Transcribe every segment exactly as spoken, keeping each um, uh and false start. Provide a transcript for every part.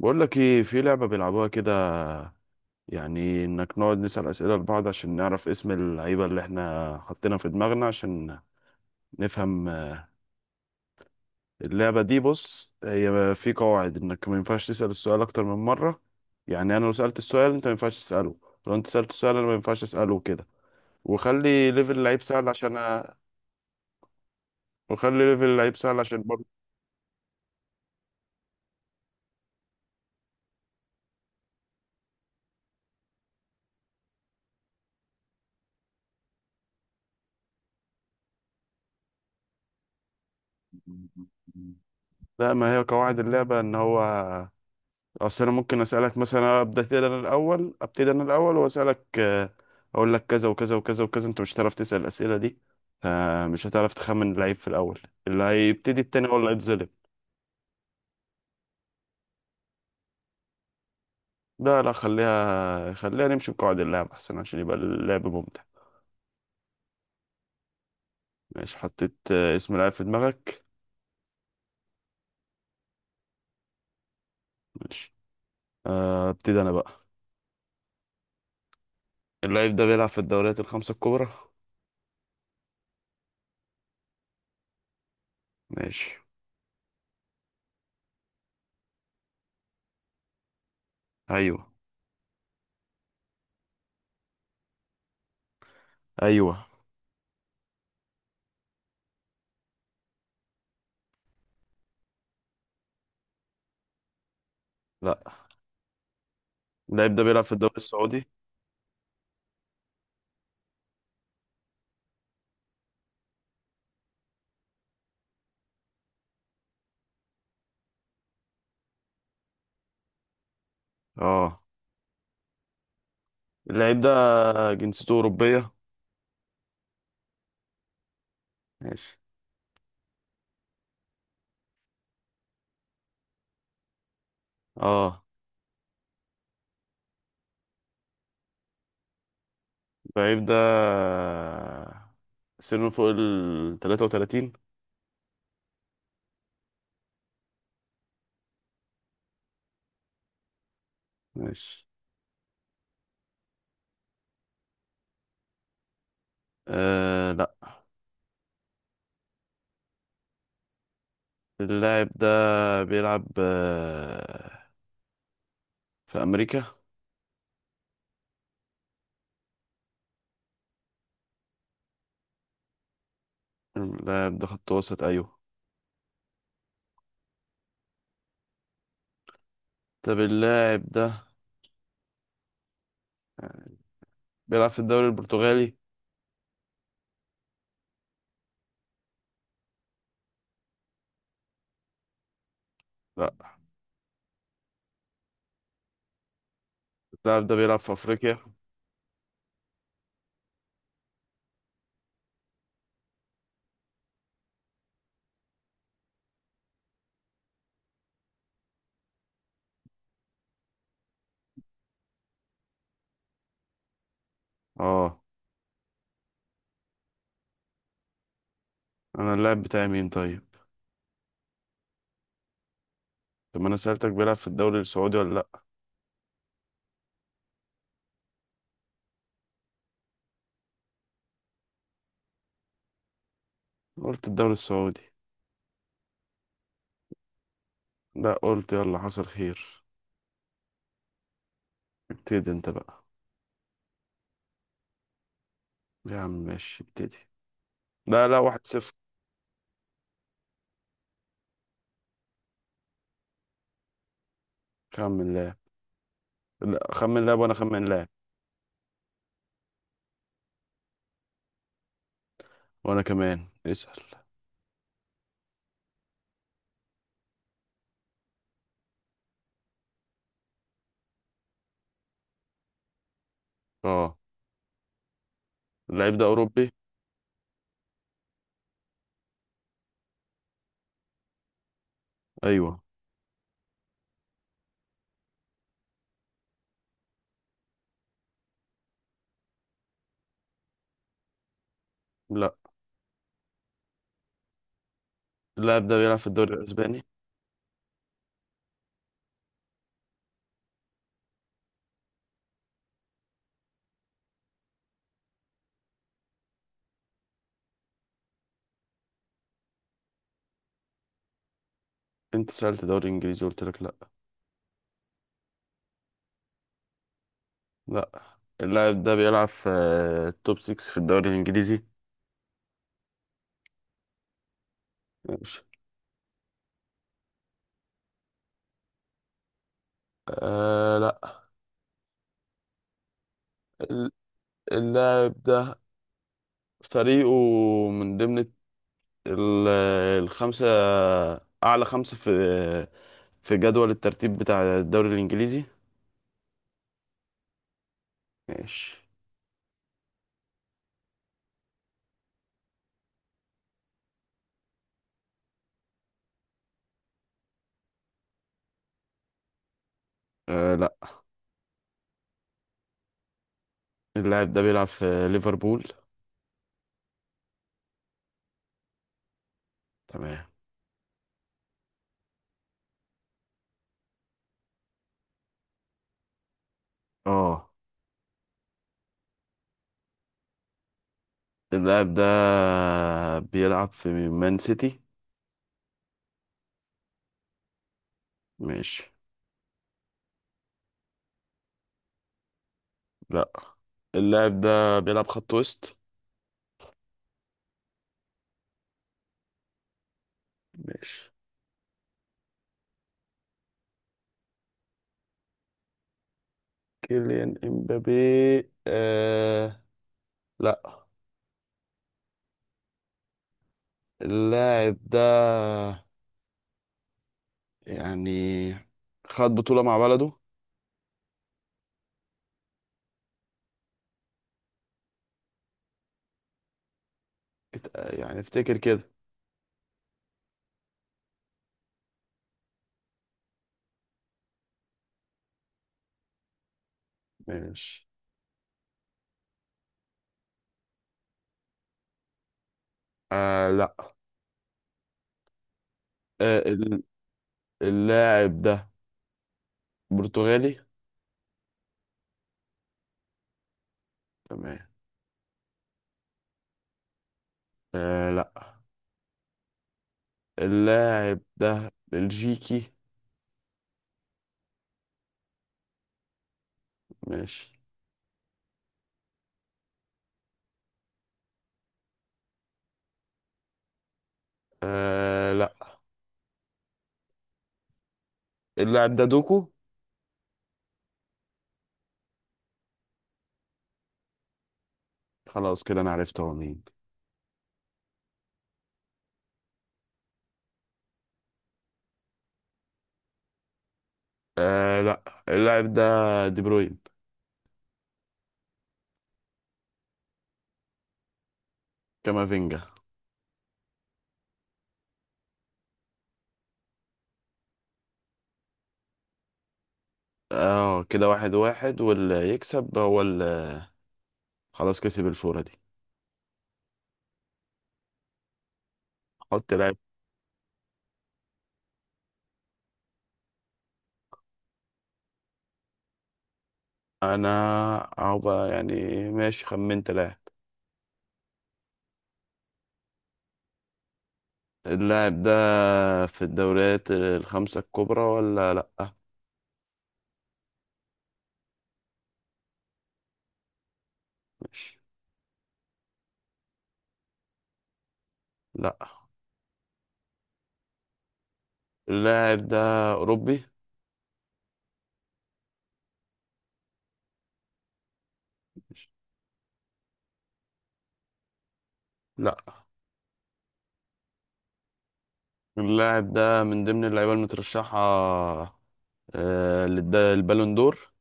بقول لك ايه، في لعبة بيلعبوها كده. يعني انك نقعد نسأل أسئلة لبعض عشان نعرف اسم اللعيبة اللي احنا حطينا في دماغنا عشان نفهم. اللعبة دي بص، هي في قواعد انك ما ينفعش تسأل السؤال اكتر من مرة. يعني انا لو سألت السؤال انت ما ينفعش تسأله. لو انت سألت السؤال انا ما ينفعش اسأله كده. وخلي ليفل اللعيب سهل عشان أ- وخلي ليفل اللعيب سهل عشان برضه. لا، ما هي قواعد اللعبة ان هو اصل انا ممكن اسالك مثلا، ابدا انا الاول ابتدي انا الاول واسالك آه، اقول لك كذا وكذا وكذا وكذا، انت مش هتعرف تسال الاسئله دي. فمش هتعرف تخمن اللعيب في الاول. اللي هيبتدي التاني هو اللي هيتظلم. لا لا، خليها. خليها نمشي بقواعد اللعب احسن، عشان يبقى اللعب ممتع. ماشي. حطيت آه، اسم لعيب في دماغك. ماشي. آه، ابتدي انا بقى. اللعيب ده بيلعب في الدوريات الخمسه الكبرى. ماشي. ايوه، ايوه. لا، اللعيب ده بيلعب في الدوري السعودي. اه. اللعيب ده جنسيته اوروبيه. ماشي. اه. بعيب ده سنه فوق ال ثلاثة وثلاثين. ماشي. آه لا. اللاعب ده بيلعب آه في أمريكا. اللاعب ده خط وسط، أيوه. طب اللاعب ده بيلعب في الدوري البرتغالي؟ لا. اللاعب ده بيلعب في أفريقيا. اه. أنا اللاعب بتاعي مين طيب؟ طب ما أنا سألتك بيلعب في الدوري السعودي ولا لأ. قلت الدوري السعودي. لا، قلت يلا حصل خير. ابتدي انت بقى. يا عم ماشي، ابتدي. لا لا، واحد صفر. خمن لاعب. لا، خمن لاعب وانا خمن لاعب. وانا كمان اسأل. اه. اللاعب ده اوروبي؟ ايوه. لا، اللاعب ده بيلعب في الدوري الاسباني. انت سألت دوري انجليزي قلت لك لا. لا، اللاعب ده بيلعب في آه، التوب ستة في الدوري الانجليزي. ماشي. آه لا. ال- اللاعب ده فريقه من ضمن الت- ال- الخمسة اعلى خمسة في في جدول الترتيب بتاع الدوري الانجليزي. ماشي. آه لا. اللاعب ده بيلعب في ليفربول؟ تمام. اه. اللاعب ده بيلعب في مان سيتي. ماشي. لا، اللاعب ده بيلعب خط وسط. ماشي. كيليان امبابي؟ آه لا. اللاعب ده يعني خد بطولة مع بلده. ات- يعني افتكر كده. ماشي. آه لا. آه ال- اللاعب ده برتغالي. تمام. آه لا. اللاعب ده بلجيكي. ماشي. آه لا. اللاعب ده دوكو. خلاص كده، انا عرفت هو مين. آه لا. اللاعب ده دي بروين. كامافينجا. اه، كده واحد واحد، واللي يكسب هو اللي خلاص كسب الفورة دي. حط لاعب. انا اهو بقى يعني. ماشي، خمنت لاعب. اللاعب ده في الدوريات الخمسة الكبرى ولا لا؟ ماشي. لا، اللاعب ده اوروبي. ماشي. لا، اللاعب ده من ضمن اللعيبة المترشحة آه للد- البالون دور.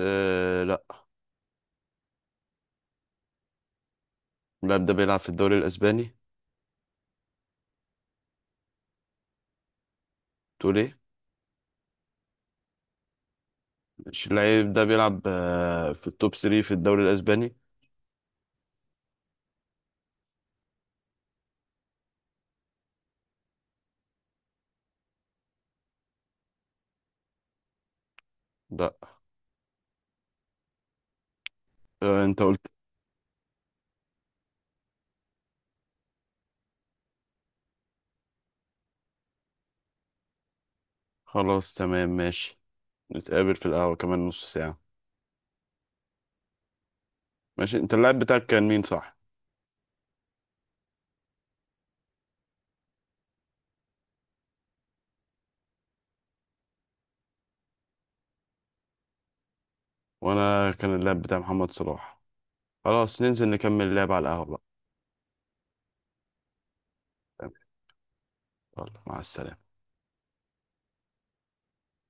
آه، لأ. اللاعب ده بيلعب في الدوري الأسباني. تقول إيه؟ مش اللاعب ده بيلعب آه، في التوب تلاتة في الدوري الأسباني؟ لا. آه، أنت قلت. خلاص تمام ماشي. نتقابل في القهوة كمان نص ساعة. ماشي، أنت اللاعب بتاعك كان مين صح؟ وأنا كان اللاعب بتاع محمد صلاح. خلاص ننزل نكمل اللعب على القهوة بقى. تمام. يلا، مع السلامة.